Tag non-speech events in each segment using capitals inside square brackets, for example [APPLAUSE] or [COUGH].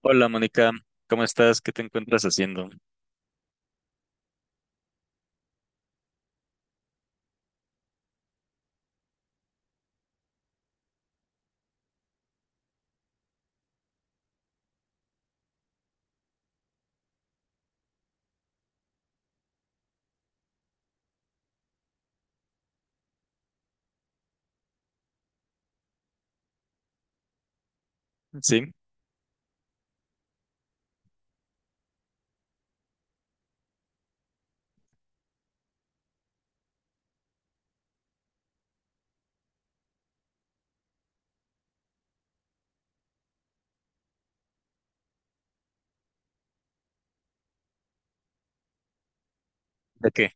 Hola Mónica, ¿cómo estás? ¿Qué te encuentras haciendo? ¿Sí? ¿De qué?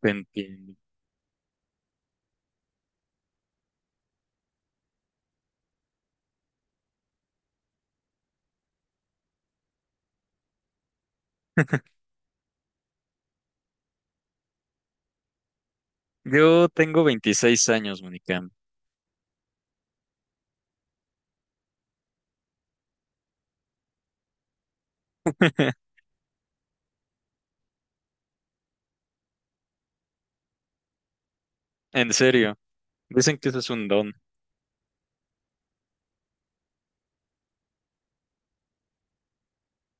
Te entiendo. Yo tengo 26 años, Mónica. [LAUGHS] En serio, dicen que eso es un don.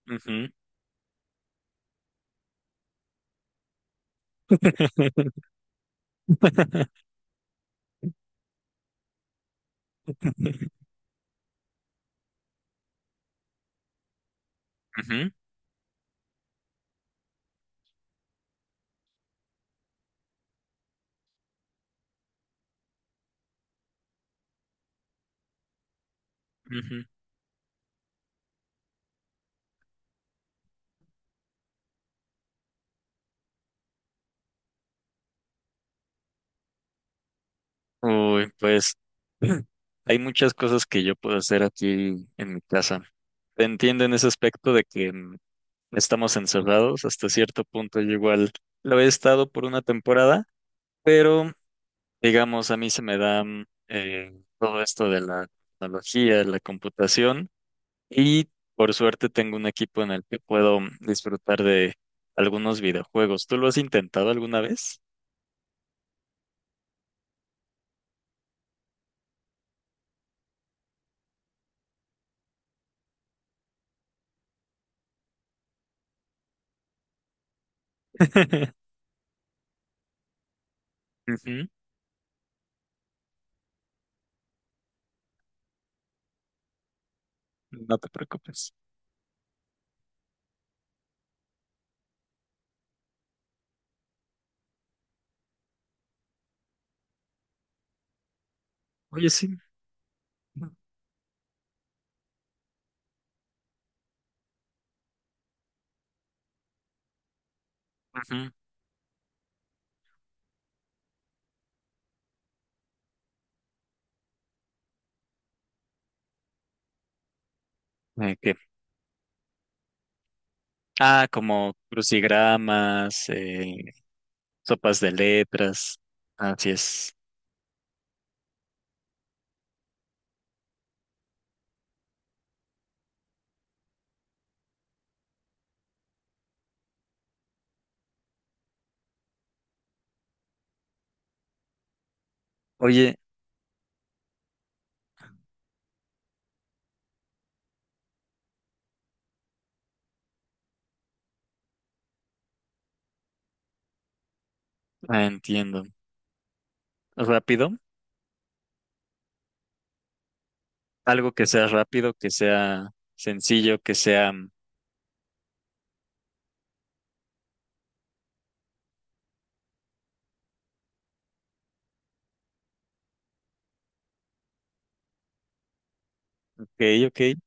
Ujú. [LAUGHS] Ujú, ujú. Uy, pues hay muchas cosas que yo puedo hacer aquí en mi casa. Te entiendo en ese aspecto de que estamos encerrados hasta cierto punto. Yo igual lo he estado por una temporada, pero digamos, a mí se me da eh, todo esto de la tecnología, la computación y por suerte tengo un equipo en el que puedo disfrutar de algunos videojuegos. ¿Tú lo has intentado alguna vez? [LAUGHS] Ujú, no te preocupes. Oye, sí. Ujú. ¿Qué? Ah, como crucigramas, sopas de letras. Así es. Oye, ah, entiendo. ¿Rápido? Algo que sea rápido, que sea sencillo, que sea ok, ok.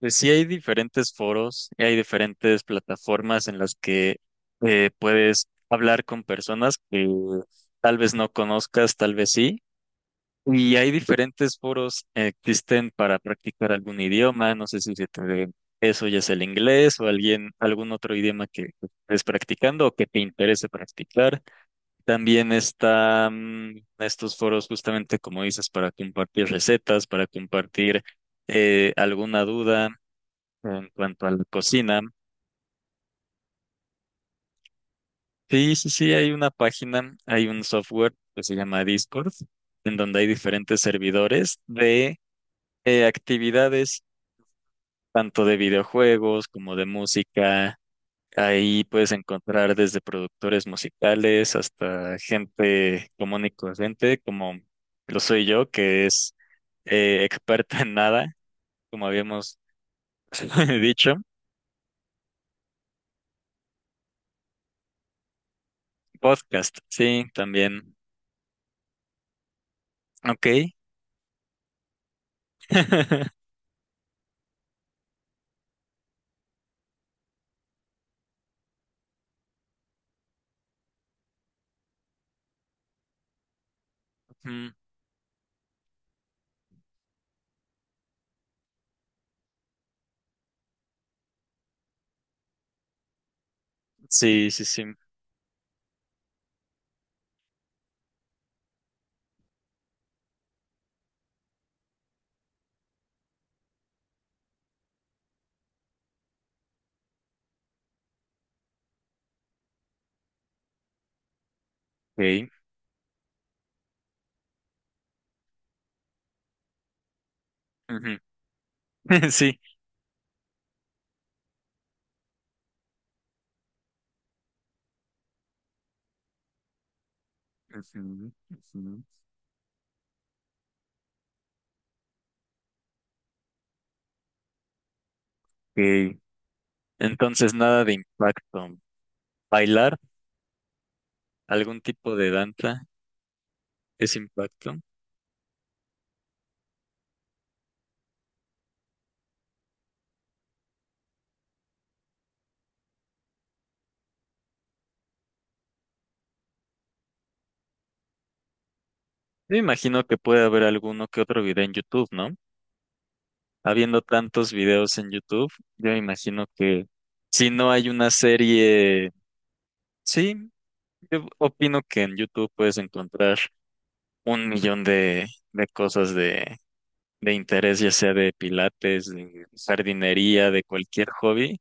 Pues sí hay diferentes foros y hay diferentes plataformas en las que puedes hablar con personas que tal vez no conozcas, tal vez sí. Y hay diferentes foros existen para practicar algún idioma. No sé si se te- eso ya es el inglés o alguien, algún otro idioma que estés practicando o que te interese practicar. También están estos foros justamente como dices para compartir recetas, para compartir alguna duda en cuanto a la cocina, sí, sí, sí, hay una página, hay un software que se llama Discord, en donde hay diferentes servidores de actividades, tanto de videojuegos como de música. Ahí puedes encontrar desde productores musicales hasta gente común y corriente, como lo soy yo, que es experta en nada, como habíamos [LAUGHS] dicho. Podcast, sí, también. Ok. [LAUGHS] Ujú. Sí, sí, sí. Ok. Ujú. [LAUGHS] Sí. Ujú, ujú. Ok. Entonces, nada de impacto. Bailar, algún tipo de danza es impacto. Yo imagino que puede haber alguno que otro video en YouTube, ¿no? Habiendo tantos videos en YouTube, yo imagino que si no hay una serie, sí, yo opino que en YouTube puedes encontrar un millón de cosas de interés, ya sea de pilates, de jardinería, de cualquier hobby.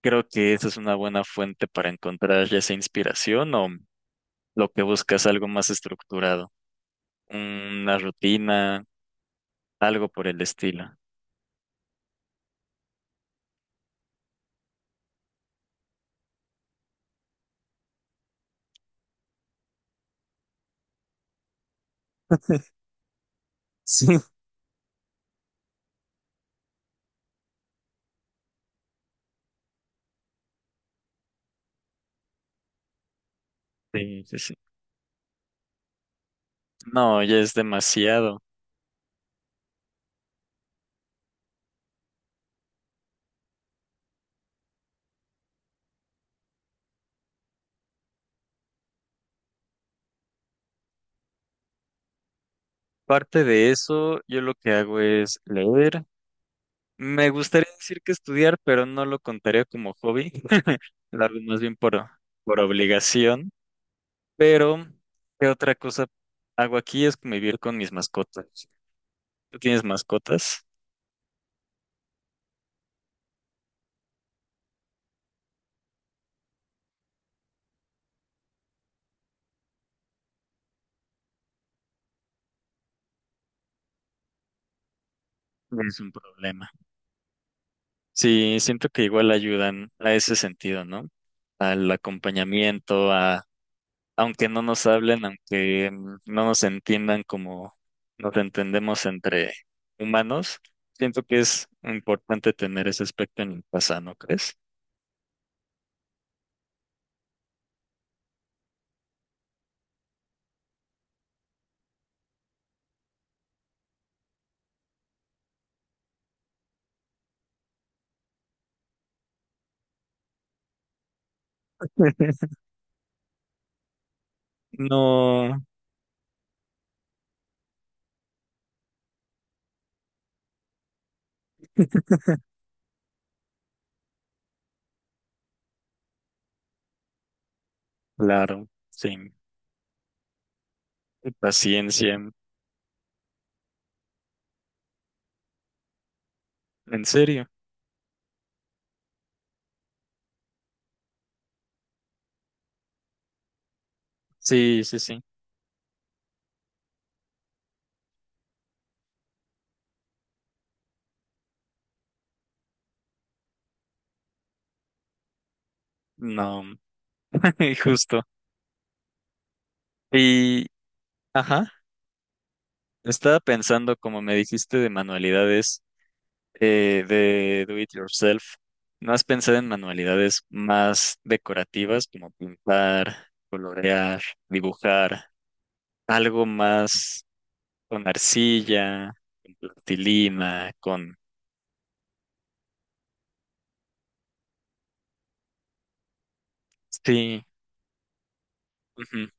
Creo que esa es una buena fuente para encontrar ya esa inspiración o lo que buscas algo más estructurado, una rutina, algo por el estilo. [LAUGHS] Sí. Sí, sí, sí. No, ya es demasiado. Parte de eso, yo lo que hago es leer. Me gustaría decir que estudiar, pero no lo contaría como hobby. [LAUGHS] Lo hago más bien por obligación. Pero, ¿qué otra cosa hago aquí? Es convivir con mis mascotas. ¿Tú tienes mascotas? No es un problema. Sí, siento que igual ayudan a ese sentido, ¿no? Al acompañamiento, a, aunque no nos hablen, aunque no nos entiendan como nos entendemos entre humanos, siento que es importante tener ese aspecto en casa, ¿no crees? [LAUGHS] No, claro, sí. Paciencia, en serio. Sí, sí, sí. No, [LAUGHS] justo. Y, ajá, estaba pensando, como me dijiste, de manualidades. De do it yourself, más pensar en manualidades más decorativas como pintar, colorear, dibujar, algo más con arcilla, con plastilina, con... Sí, ujú,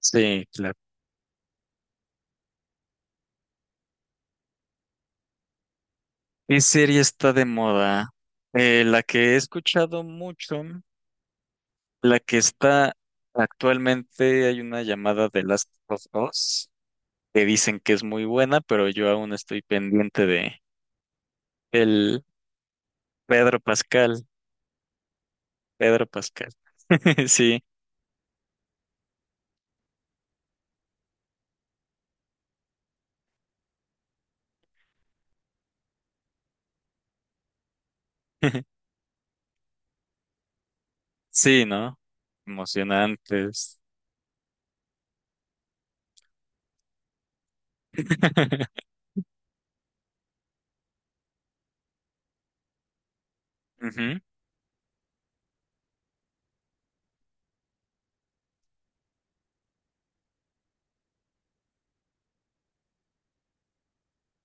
sí, claro. ¿Qué serie está de moda? La que he escuchado mucho, la que está actualmente, hay una llamada de Last of Us, que dicen que es muy buena, pero yo aún estoy pendiente de... el Pedro Pascal, Pedro Pascal. [LAUGHS] Sí, [LAUGHS] sí, ¿no? Emocionantes. [LAUGHS] Ujú,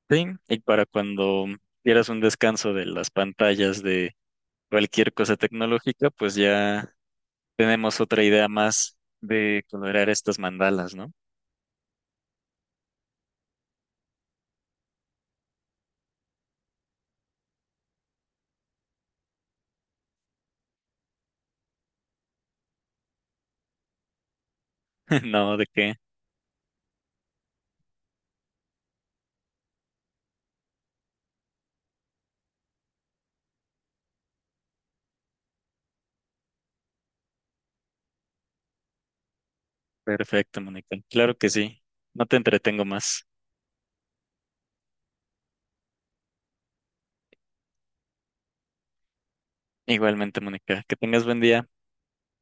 sí, y para cuando quieras un descanso de las pantallas de cualquier cosa tecnológica, pues ya tenemos otra idea más de colorear estas mandalas, ¿no? [LAUGHS] No, ¿de qué? Perfecto, Mónica. Claro que sí. No te entretengo más. Igualmente, Mónica. Que tengas buen día.